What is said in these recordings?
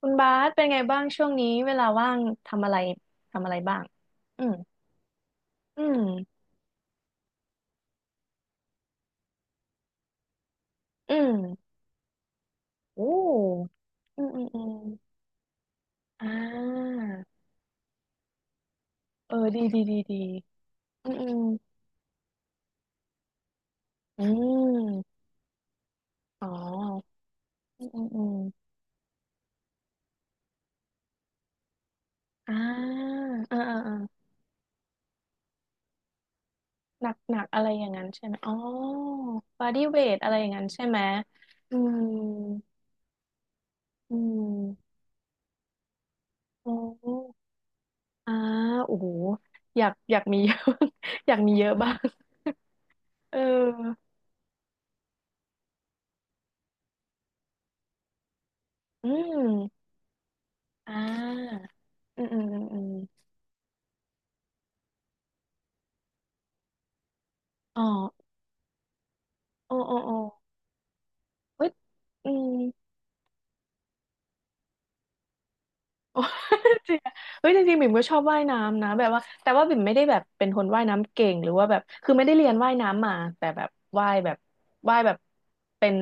คุณบาสเป็นไงบ้างช่วงนี้เวลาว่างทำอะไรทำอะไรบ้างอืมอืมอืมโอ้อืมอืมอืมอ่าเออดีดีดีดีอืมอืมอืมอ๋ออืมอืมอืมอ่าอ่าอ่าอ่าหนักหนักอะไรอย่างนั้นใช่ไหมอ๋อบอดี้เวทอะไรอย่างนั้นใช่ไหมอืมอืมโอ้อ่าโอ้โหอยากอยากมี เยอะ อยากมีเยอะบ้างเอออืม อ่าอืมอืมอืมอมอ๋อโอ้โอ้โอ้เอ้ยอืม โอ้ จริงอะเฮ้ยจริงๆบิ่มก็ชอบว่ายน้ำนะแบบว่าแต่ว่าบิ่มไม่ได้แบบเป็นคนว่ายน้ำเก่งหรือว่าแบบคือไม่ได้เรียนว่ายน้ำมาแต่แบบว่ายแบบว่ายแบบเป็น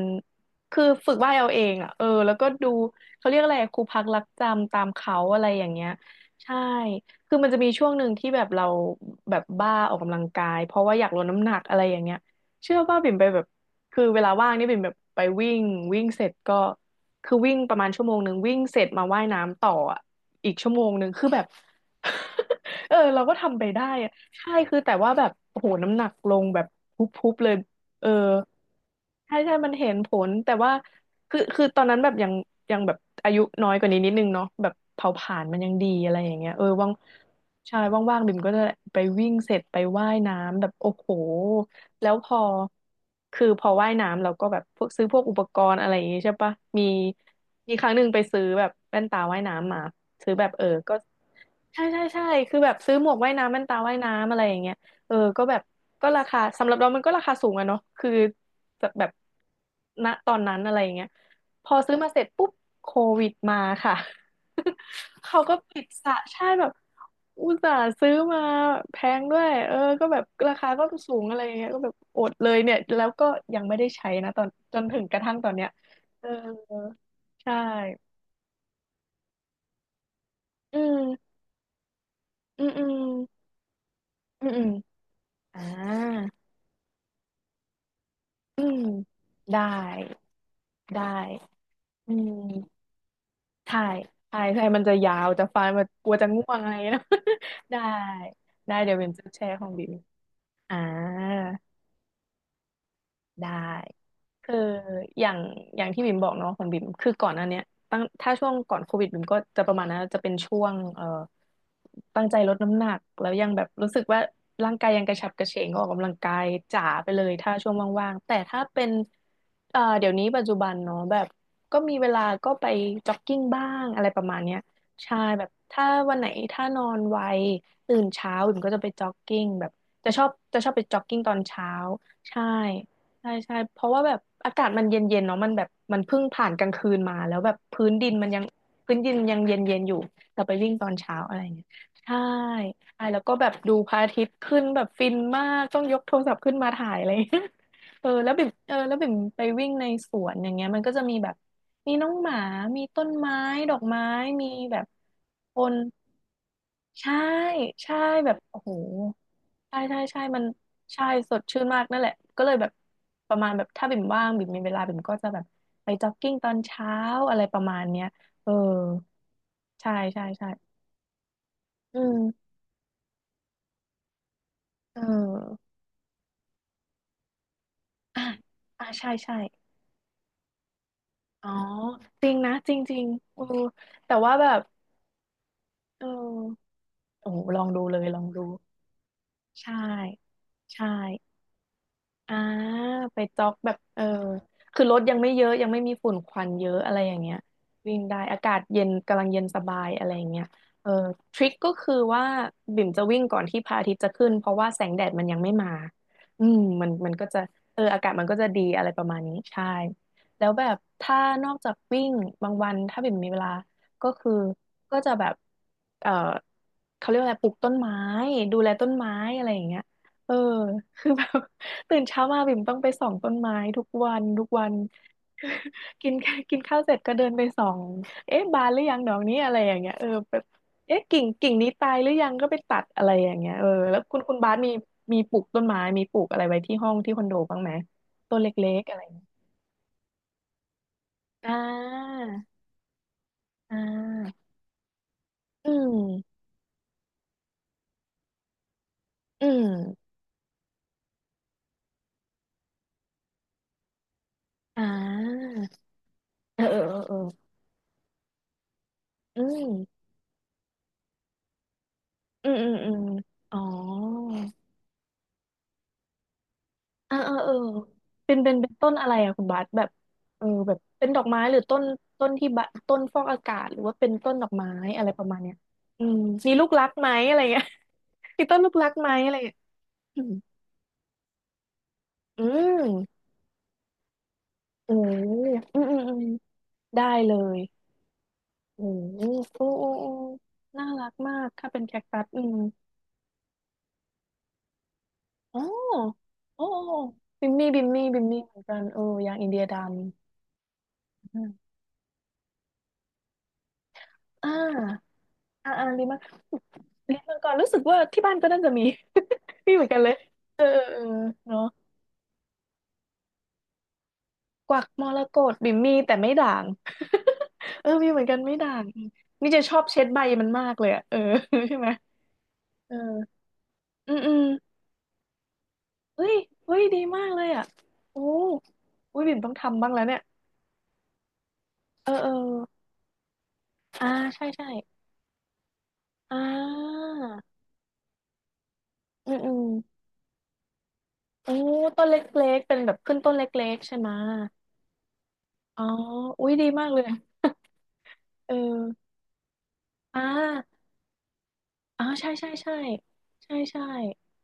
คือฝึกว่ายเอาเองอ่ะเออแล้วก็ดูเขาเรียกอะไรอะครูพักรักจำตามเขาอะไรอย่างเงี้ยใช่คือมันจะมีช่วงหนึ่งที่แบบเราแบบบ้าออกกำลังกายเพราะว่าอยากลดน้ำหนักอะไรอย่างเงี้ยเชื่อว่าบิ่มไปแบบคือเวลาว่างนี่บิ่มแบบไปวิ่งวิ่งเสร็จก็ คือวิ่งประมาณชั่วโมงหนึ่งวิ่งเสร็จมาว่ายน้ำต่ออะอีกชั่วโมงหนึ่งคือแบบ เออเราก็ทำไปได้อะใช่คือแต่ว่าแบบโอ้โหน้ำหนักลงแบบพุบๆเลยเออใช่ใช่มันเห็นผลแต่ว่าคือตอนนั้นแบบยังยังแบบอายุน้อยกว่านี้นิดนึงเนาะแบบเผาผลาญมันยังดีอะไรอย่างเงี้ยเออว่างใช่ว่างๆบิ่มก็จะไปวิ่งเสร็จไปว่ายน้ำแบบโอ้โห แล้วพอคือพอว่ายน้ำเราก็แบบพวกซื้อพวกอุปกรณ์อะไรอย่างงี้ใช่ปะมีมีครั้งหนึ่งไปซื้อแบบแว่นตาว่ายน้ำมาซื้อแบบเออก็ ใช่ใช่ใช่คือแบบซื้อหมวกว่ายน้ำแว่นตาว่ายน้ำอะไรอย่างเงี้ยเออก็แบบก็ราคาสำหรับเรามันก็ราคาสูงอะเนาะคือแบบแบบณตอนนั้นอะไรอย่างเงี้ยพอซื้อมาเสร็จปุ๊บโควิดมาค่ะ เขาก็ปิดสะใช่แบบอุตส่าห์ซื้อมาแพงด้วยเออก็แบบราคาก็สูงอะไรอย่างเงี้ยก็แบบอดเลยเนี่ยแล้วก็ยังไม่ได้ใช้นะตอนจนถึงกระทั่งตอนเนี้ยเออใช่อืมอืมอืมอืมอืมอ่า อืมได้ได้อืมถ่ายถ่ายใช่มันจะยาวจะฟังมันกลัวจะง่วงอะไรนะ ได้ได้เดี๋ยวเป็นจะแชร์ของบิมอ่า ได้คืออย่างอย่างที่บิ่มบอกเนาะของบิ่มคือก่อนอัน้เนี้ยตั้งถ้าช่วงก่อนโควิดบิ่มก็จะประมาณนั้นจะเป็นช่วงตั้งใจลดน้ำหนักแล้วยังแบบรู้สึกว่าร่างกายยังกระฉับกระเฉงก็ออกกำลังกายจ๋าไปเลยถ้าช่วงว่างๆแต่ถ้าเป็นเดี๋ยวนี้ปัจจุบันเนาะแบบก็มีเวลาก็ไปจ็อกกิ้งบ้างอะไรประมาณเนี้ยใช่แบบถ้าวันไหนถ้านอนไวตื่นเช้าบิ่มก็จะไปจ็อกกิ้งแบบจะชอบจะชอบไปจ็อกกิ้งตอนเช้าใช่ ใช่ใช่เพราะว่าแบบอากาศมันเย็นเย็นเนาะมันแบบมันเพิ่งผ่านกลางคืนมาแล้วแบบพื้นดินมันยังพื้นดินยังเย็นเย็นอยู่แต่ไปวิ่งตอนเช้าอะไรเงี้ยใช่ใช่แล้วก็แบบดูพระอาทิตย์ขึ้นแบบฟินมากต้องยกโทรศัพท์ขึ้นมาถ่ายอะไรเงี้ย เออแล้วบิ่มเออแล้วบิ่มไปวิ่งในสวนอย่างเงี้ยมันก็จะมีแบบมีน้องหมามีต้นไม้ดอกไม้มีแบบคน ใช่ใช่แบบโอ้โหใช่ใช่ใช่มันใช่สดชื่นมากนั่นแหละก็เลยแบบประมาณแบบถ้าบิ่มว่างบิ่มมีเวลาบิ่มก็จะแบบไปจ็อกกิ้งตอนเช้าอะไรประมาณเนี้ยเออใช่ใช่ใช่อืมเอออ่ะอ่ะใช่ใช่อ๋อจริงนะจริงจริงเออแต่ว่าแบบเออโอ้โหลองดูเลยลองดูใช่ใช่ อ่าไปจ็อกแบบเออคือรถยังไม่เยอะยังไม่มีฝุ่นควันเยอะอะไรอย่างเงี้ยวิ่งได้อากาศเย็นกำลังเย็นสบายอะไรอย่างเงี้ยเออทริคก็คือว่าบิ่มจะวิ่งก่อนที่พระอาทิตย์จะขึ้นเพราะว่าแสงแดดมันยังไม่มาอืมมันมันก็จะเอออากาศมันก็จะดีอะไรประมาณนี้ใช่แล้วแบบถ้านอกจากวิ่งบางวันถ้าบิ่มมีเวลาก็คือก็จะแบบเออเขาเรียกว่าอะไรปลูกต้นไม้ดูแลต้นไม้อะไรอย่างเงี้ยเออ คือแบบ ตื่นเช้ามาบิ่มต้องไปส่องต้นไม้ทุกวันทุกวัน กินกินข้าวเสร็จก็เดินไปส่องเอ๊ะบานหรือยังดอกนี้อะไรอย่างเงี้ยเออแบบเอ๊ะกิ่งนี้ตายหรือยังก็ไปตัดอะไรอย่างเงี้ยเออแล้วคุณบาสมีมีปลูกต้นไม้มีปลูกอะไรไว้ที่ห้องที่คอนโดบ้างไหมต้นเล็กๆอะไรอย่างเงี้ยอ่าอ่าอืมอืมอ่าเออเออเออเอออืมอืมอืมอืมอ๋อ เออเออเออเป็นต้นอะไรอะคุณบาสแบบเออแบบเป็นดอกไม้หรือต้นต้นที่บะต้นฟอกอากาศหรือว่าเป็นต้นดอกไม้อะไรประมาณเนี้ยอืมมีลูกรักไหมอะไรเงี้ย มีต้นลูกรักไหมอะไรเงี้ยอืมอืมโอ้ยอืมอืมอืมได้เลยโอ้โอ้โอ้โอ้น่ารักมากถ้าเป็นแคคตัสอืมอ๋อโอ้โอ้โอ้บิมมี่เหมือนกันเออยางอินเดียดำอืมอ่า อ่าอ่าลิ้นมังลิ้นมังกรรู้สึกว่าที่บ้านก็น่าจะมี มีเหมือนกันเลยเออเออเนาะกวักมรกตบิ่มมีแต่ไม่ด่าง เออมีเหมือนกันไม่ด่างนี่จะชอบเช็ดใบมันมากเลยอะเออ ใช่ไหมเอออืมอืมเฮ้ยเฮ้ยดีมากเลยอ่ะโอ้อุ้ยบิ่มต้องทำบ้างแล้วเนี่ยเออเอออ่าใช่ใช่อ่าอืมอืมโอ้ต้นเล็กๆเป็นแบบขึ้นต้นเล็กๆใช่ไหมะอ๋ออุ้ยดีมากเลย เออ อ่าอ่าใช่ใช่ใช่ใช่ใช่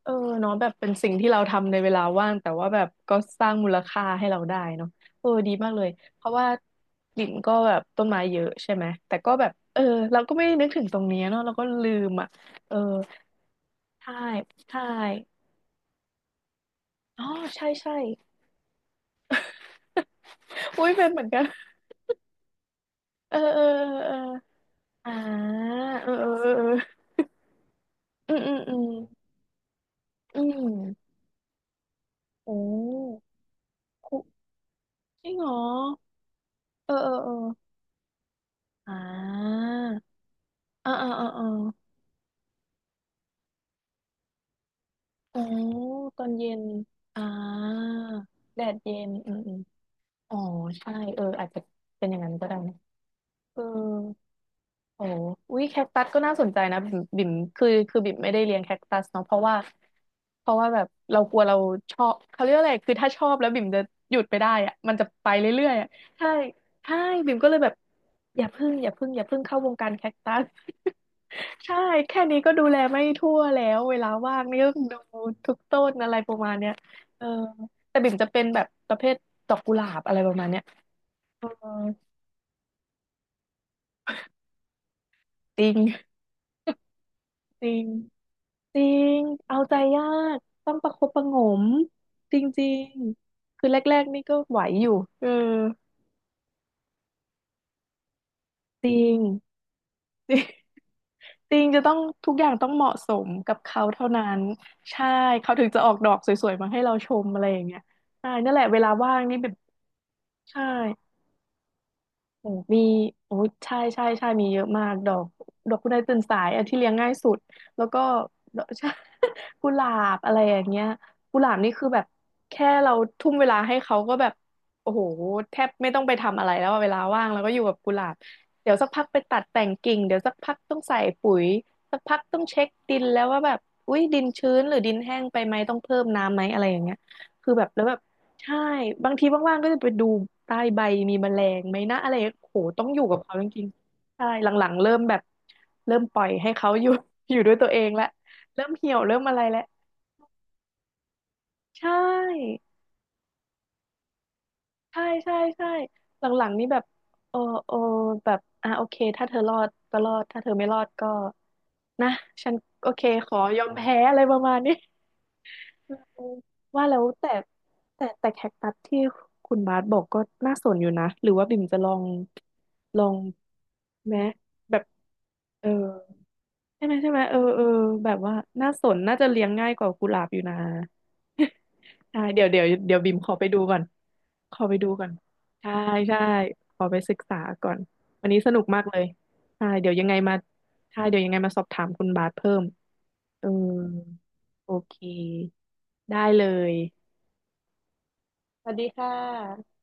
เออเนาะแบบเป็นสิ่งที่เราทำในเวลาว่างแต่ว่าแบบก็สร้างมูลค่าให้เราได้เนาะเออดีมากเลย เพราะว่าลินก็แบบต้นไม้เยอะใช่ไหม แต่ก็แบบเออเราก็ไม่ได้นึกถึงตรงเนี้ยเนาะเราก็ลืมอ่ะเออใช่ใช่อ๋อใช่ใช่อุ้ยเป็นเหมือนกันเออ เออเออเอออ่าเออเออเออเอออืมอืมอืมอืมโอ้คุจริงเหรอเออเออเออ อ่าอ่าอ่าอ่าอาโอ้ตอนเย็นอ่าแดดเย็นอืมอมอ๋อใช่เอออาจจะเป็นอย่างนั้นก็ได้นะเออโอ้วิแคคตัสก็น่าสนใจนะบิ่มบิ่มคือบิ่มไม่ได้เลี้ยงแคคตัสเนาะเพราะว่าแบบเรากลัวเราชอบเขาเรียกอะไรคือถ้าชอบแล้วบิ่มจะหยุดไม่ได้อะมันจะไปเรื่อยๆอะใช่ใช่บิ่มก็เลยแบบอย่าพึ่งเข้าวงการแคคตัส ใช่แค่นี้ก็ดูแลไม่ทั่วแล้วเวลาว่างนี่ก็ดูทุกต้นอะไรประมาณเนี้ยเออแต่บิ่มจะเป็นแบบประเภทดอกกุหลาบอะไรประมาณเนี้ยเออจริงจริงจริงเอาใจยากต้องประคบประหงมจริงๆคือแรกๆนี่ก็ไหวอยู่เออจริง จริงจะต้องทุกอย่างต้องเหมาะสมกับเขาเท่านั้นใช่เขาถึงจะออกดอกสวยๆมาให้เราชมอะไรอย่างเงี้ยใช่นั่นแหละเวลาว่างนี่แบบใช่ โอ้มีโอ้ยใช่ใช่ใช่มีเยอะมากดอกดอกคุณนายตื่นสายอันที่เลี้ยงง่ายสุดแล้วก็ดอกใช่ กุหลาบอะไรอย่างเงี้ยกุหลาบนี่คือแบบแค่เราทุ่มเวลาให้เขาก็แบบโอ้โหแทบไม่ต้องไปทำอะไรแล้วอะเวลาว่างแล้วก็อยู่กับกุหลาบเดี๋ยวสักพักไปตัดแต่งกิ่งเดี๋ยวสักพักต้องใส่ปุ๋ยสักพักต้องเช็คดินแล้วว่าแบบอุ้ยดินชื้นหรือดินแห้งไปไหมต้องเพิ่มน้ำไหมอะไรอย่างเงี้ยคือแบบแล้วแบบ ใช่บางทีว่างๆก็จะไปดูใต้ใบมีแมลงไหมนะอะไรโหต้องอยู่กับเขาจริงๆใช่หลังๆเริ่มแบบเริ่มปล่อยให้เขาอยู่ อยู่ด้วยตัวเองละเริ่มเหี่ยวเริ่มอะไรแล้วใช่ใช่ใช่ใช่หลังๆนี่แบบเออเออแบบอ่ะโอเคถ้าเธอรอดก็รอดถ้าเธอไม่รอดก็นะฉันโอเคขอยอมแพ้อะไรประมาณนี้ ว่าแล้วแต่แต่แคคตัสที่คุณบาสบอกก็น่าสนอยู่นะหรือว่าบิ่มจะลองลองไหมแบบเออใช่ไหมใช่ไหมเออเออแบบว่าน่าสนน่าจะเลี้ยงง่ายกว่ากุหลาบอยู่นะ ใช่เดี๋ยวบิ่มขอไปดูก่อนขอไปดูก่อนใช่ใช่ขอไปศึกษาก่อนวันนี้สนุกมากเลยใช่เดี๋ยวยังไงมาใช่เดี๋ยวยังไงมาสอบถามคุณบาสเพิ่มเออโอเคได้เลย สวัสดีค่ะ